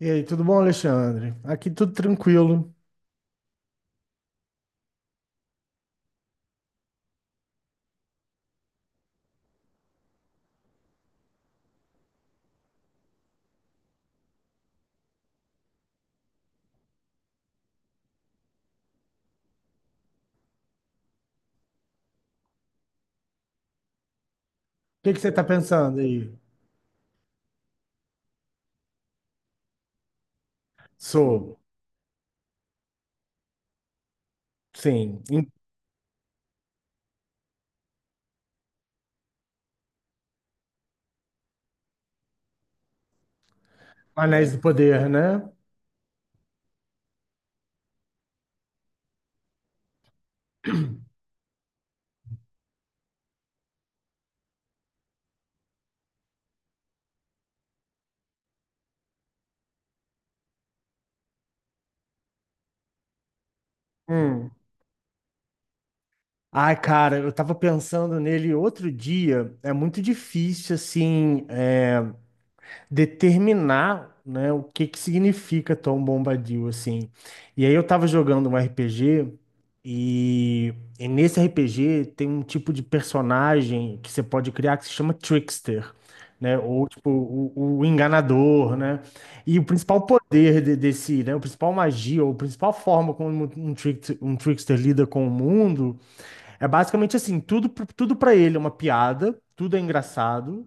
E aí, tudo bom, Alexandre? Aqui tudo tranquilo. O que que você está pensando aí? Sou, sim, em Anéis do Poder, né? Hum. Ai, cara, eu tava pensando nele outro dia. É muito difícil, assim, determinar, né, o que que significa Tom Bombadil, assim. E aí eu tava jogando um RPG e, e nesse RPG tem um tipo de personagem que você pode criar que se chama Trickster, né, ou tipo o enganador, né? E o principal poder desse, né, o principal magia, ou a principal forma como um trickster lida com o mundo é basicamente assim, tudo para ele é uma piada, tudo é engraçado,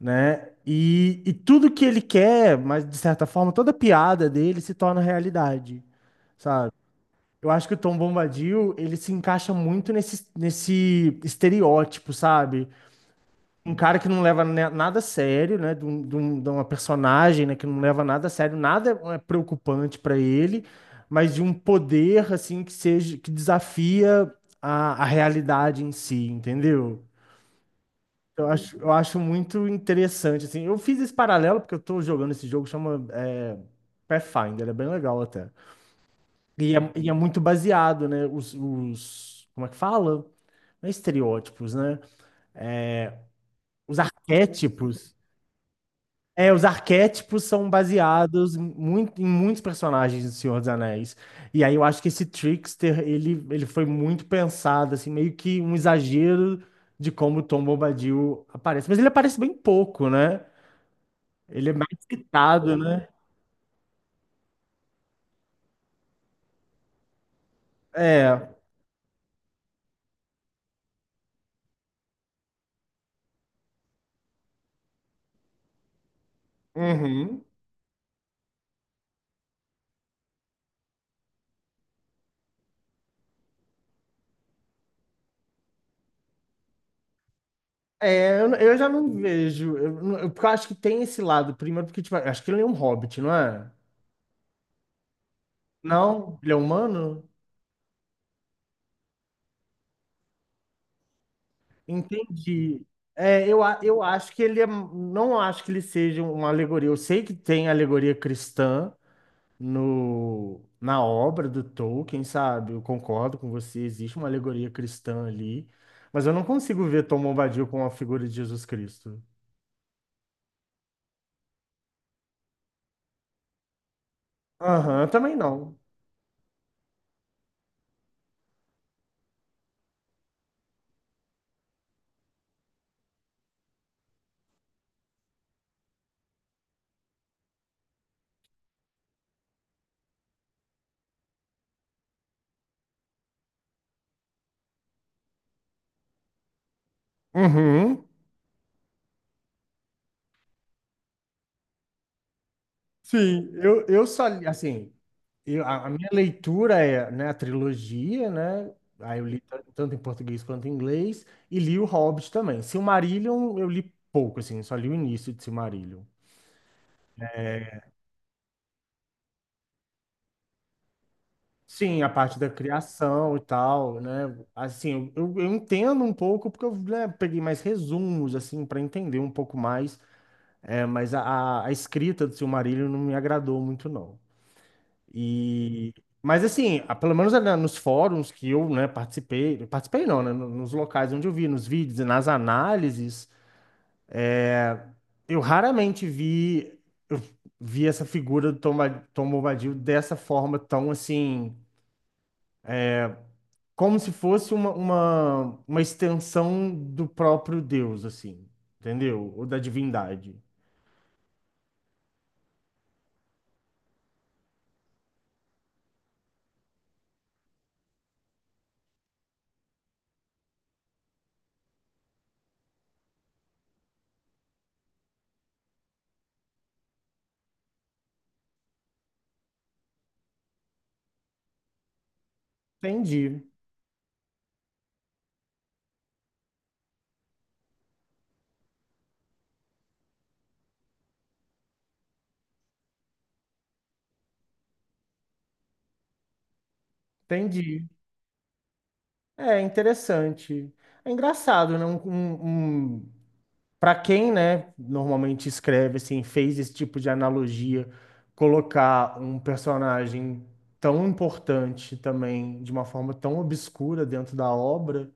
né? E tudo que ele quer, mas de certa forma, toda piada dele se torna realidade, sabe? Eu acho que o Tom Bombadil, ele se encaixa muito nesse estereótipo, sabe? Um cara que não leva nada a sério, né? De uma personagem, né? Que não leva nada a sério, nada é preocupante para ele, mas de um poder, assim, que desafia a realidade em si, entendeu? Eu acho muito interessante, assim. Eu fiz esse paralelo porque eu tô jogando esse jogo, Pathfinder, é bem legal até. E é muito baseado, né? Como é que fala? Não é estereótipos, né? Os arquétipos. É, os arquétipos são baseados em muitos personagens do Senhor dos Anéis. E aí eu acho que esse Trickster, ele foi muito pensado, assim, meio que um exagero de como o Tom Bombadil aparece. Mas ele aparece bem pouco, né? Ele é mais quitado, né? É. Uhum. É, eu já não vejo. Eu, não- eu- porque eu acho que tem esse lado. Primeiro, porque, tipo, eu acho que ele é um hobbit, não é? Não? Ele é humano? Entendi. Eu acho que ele é. Não acho que ele seja uma alegoria. Eu sei que tem alegoria cristã no, na obra do Tolkien, sabe? Eu concordo com você, existe uma alegoria cristã ali. Mas eu não consigo ver Tom Bombadil com a figura de Jesus Cristo. Aham, eu também não. Uhum. Sim, assim, eu, a minha leitura é, né, a trilogia, né? Aí eu li tanto em português quanto em inglês e li o Hobbit também. Silmarillion eu li pouco, assim, só li o início de Silmarillion. Sim, a parte da criação e tal, né? Assim, eu entendo um pouco porque eu, né, peguei mais resumos, assim, para entender um pouco mais, mas a escrita do Silmarillion não me agradou muito, não. E, mas assim, pelo menos nos fóruns que eu, né, participei, participei não, né, nos locais onde eu vi, nos vídeos e nas análises, eu raramente vi, eu vi essa figura do Tom Bombadil dessa forma tão assim, como se fosse uma extensão do próprio Deus, assim, entendeu? Ou da divindade. Entendi, entendi. É interessante. É engraçado, né? Para quem, né, normalmente escreve assim, fez esse tipo de analogia, colocar um personagem tão importante também de uma forma tão obscura dentro da obra,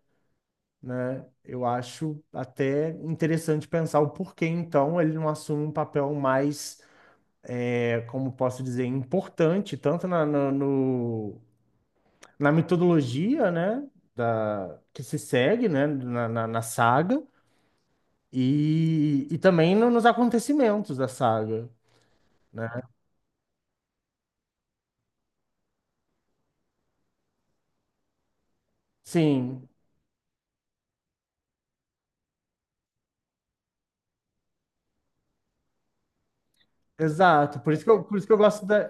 né, eu acho até interessante pensar o porquê então ele não assume um papel mais, como posso dizer, importante tanto no, na metodologia, né, que se segue, né, na saga. E também nos acontecimentos da saga, né? Sim, exato. Por isso que eu gosto da.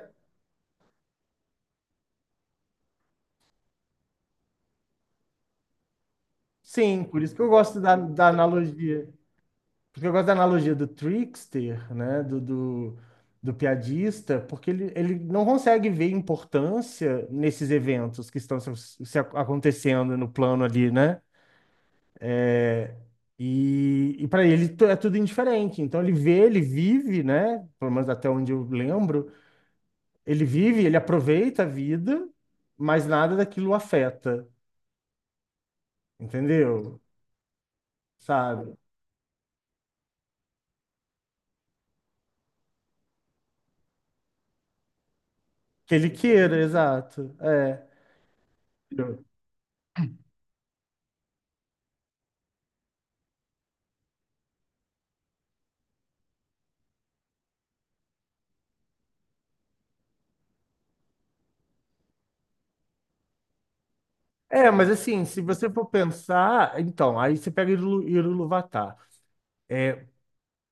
Sim, por isso que eu gosto da analogia. Porque eu gosto da analogia do trickster, né? Do piadista, porque ele não consegue ver importância nesses eventos que estão se, acontecendo no plano ali, né? É, e para ele é tudo indiferente. Então ele vê, ele vive, né? Pelo menos até onde eu lembro. Ele vive, ele aproveita a vida, mas nada daquilo o afeta, entendeu? Sabe? Que ele queira, exato. É. É, mas assim, se você for pensar, então, aí você pega Iruvatar.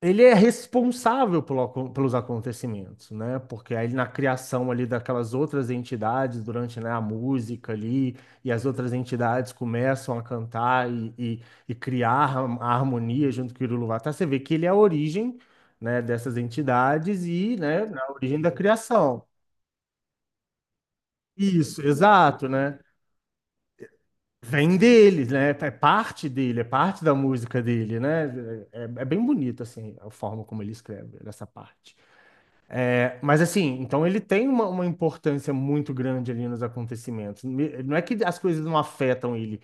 Ele é responsável pelo pelos acontecimentos, né? Porque aí na criação ali daquelas outras entidades, durante, né, a música ali, e as outras entidades começam a cantar e criar a harmonia junto com o irilu. Você vê que ele é a origem, né, dessas entidades e, né, a origem da criação. Isso, exato, né? Vem deles, né? É parte dele, é parte da música dele, né? É, é bem bonito, assim, a forma como ele escreve essa parte. É, mas assim, então ele tem uma importância muito grande ali nos acontecimentos. Não é que as coisas não afetam ele.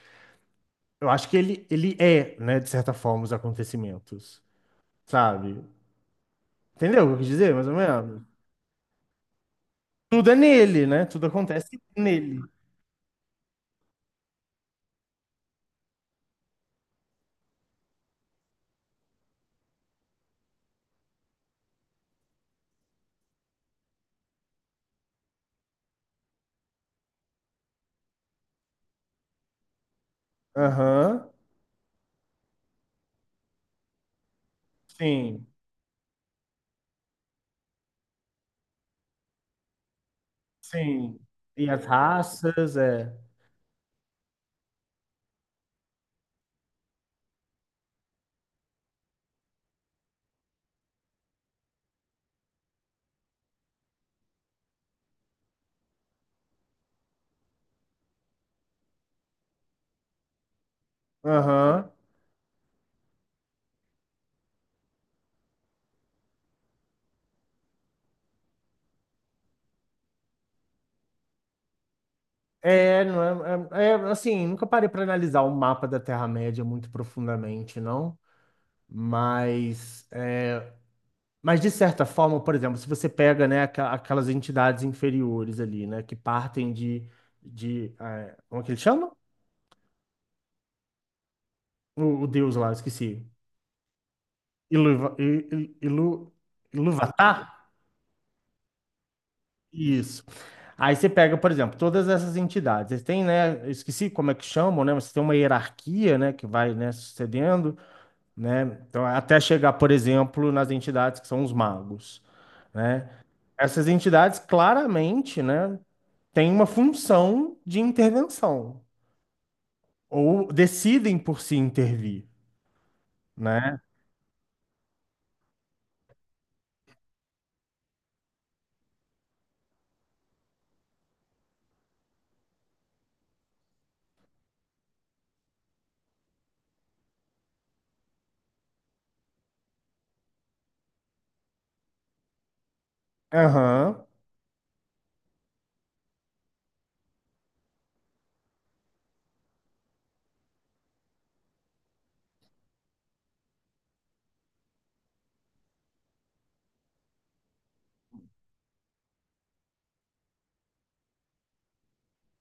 Eu acho que ele é, né, de certa forma, os acontecimentos, sabe? Entendeu o que eu quis dizer, mais ou menos? Tudo é nele, né? Tudo acontece nele. Aham, sim, sim. E as raças, é. Aham. É, não é, é, é, assim, nunca parei para analisar o mapa da Terra-média muito profundamente, não. Mas Mas, de certa forma, por exemplo, se você pega, né, aquelas entidades inferiores ali, né, que partem de, como é que ele chama? O deus lá, eu esqueci. Iluva, I- I- Ilu, Iluvatar? Isso. Aí você pega, por exemplo, todas essas entidades. Eles têm, né, eu esqueci como é que chamam, né, mas tem uma hierarquia, né, que vai, né, sucedendo. Né? Então, até chegar, por exemplo, nas entidades que são os magos, né? Essas entidades claramente, né, têm uma função de intervenção ou decidem por se intervir, né? Aham,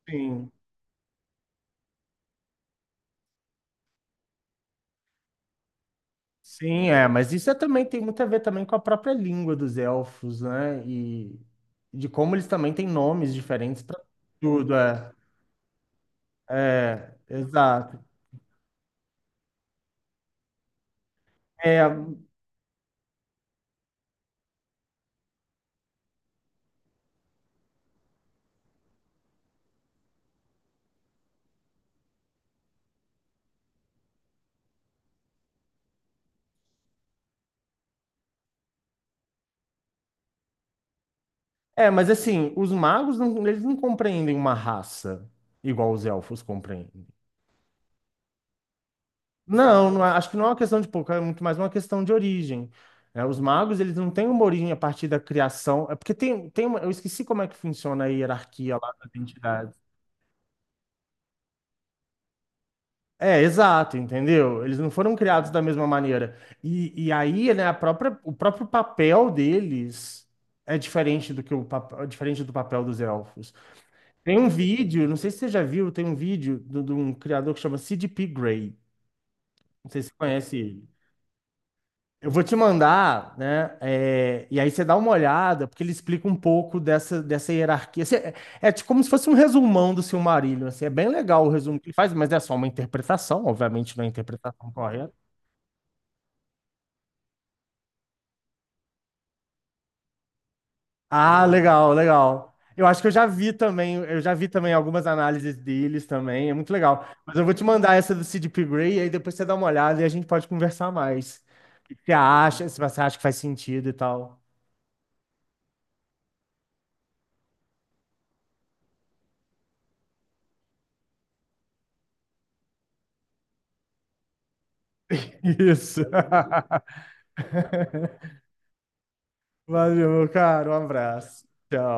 sim. Sim, é, mas isso é também tem muito a ver também com a própria língua dos elfos, né? E de como eles também têm nomes diferentes para tudo, é, é, exato. É. É, mas assim, os magos não, eles não compreendem uma raça igual os elfos compreendem. Não, acho que não é uma questão de pouco, é muito mais uma questão de origem. Né? Os magos, eles não têm uma origem a partir da criação. É porque tem, tem uma, eu esqueci como é que funciona a hierarquia lá das entidades. É, exato, entendeu? Eles não foram criados da mesma maneira. E aí, né, o próprio papel deles é diferente do que é diferente do papel dos elfos. Tem um vídeo, não sei se você já viu, tem um vídeo de um criador que chama CDP Grey. Não sei se você conhece ele. Eu vou te mandar, né? E aí você dá uma olhada, porque ele explica um pouco dessa hierarquia. Assim, é, é tipo como se fosse um resumão do Silmarillion. Assim, é bem legal o resumo que ele faz, mas é só uma interpretação, obviamente não é a interpretação correta. Ah, legal, legal. Eu acho que eu já vi também, eu já vi também algumas análises deles também, é muito legal. Mas eu vou te mandar essa do CDP Grey, aí depois você dá uma olhada e a gente pode conversar mais. O que você acha, se você acha que faz sentido e tal. Isso. Valeu, cara, um abraço. Tchau.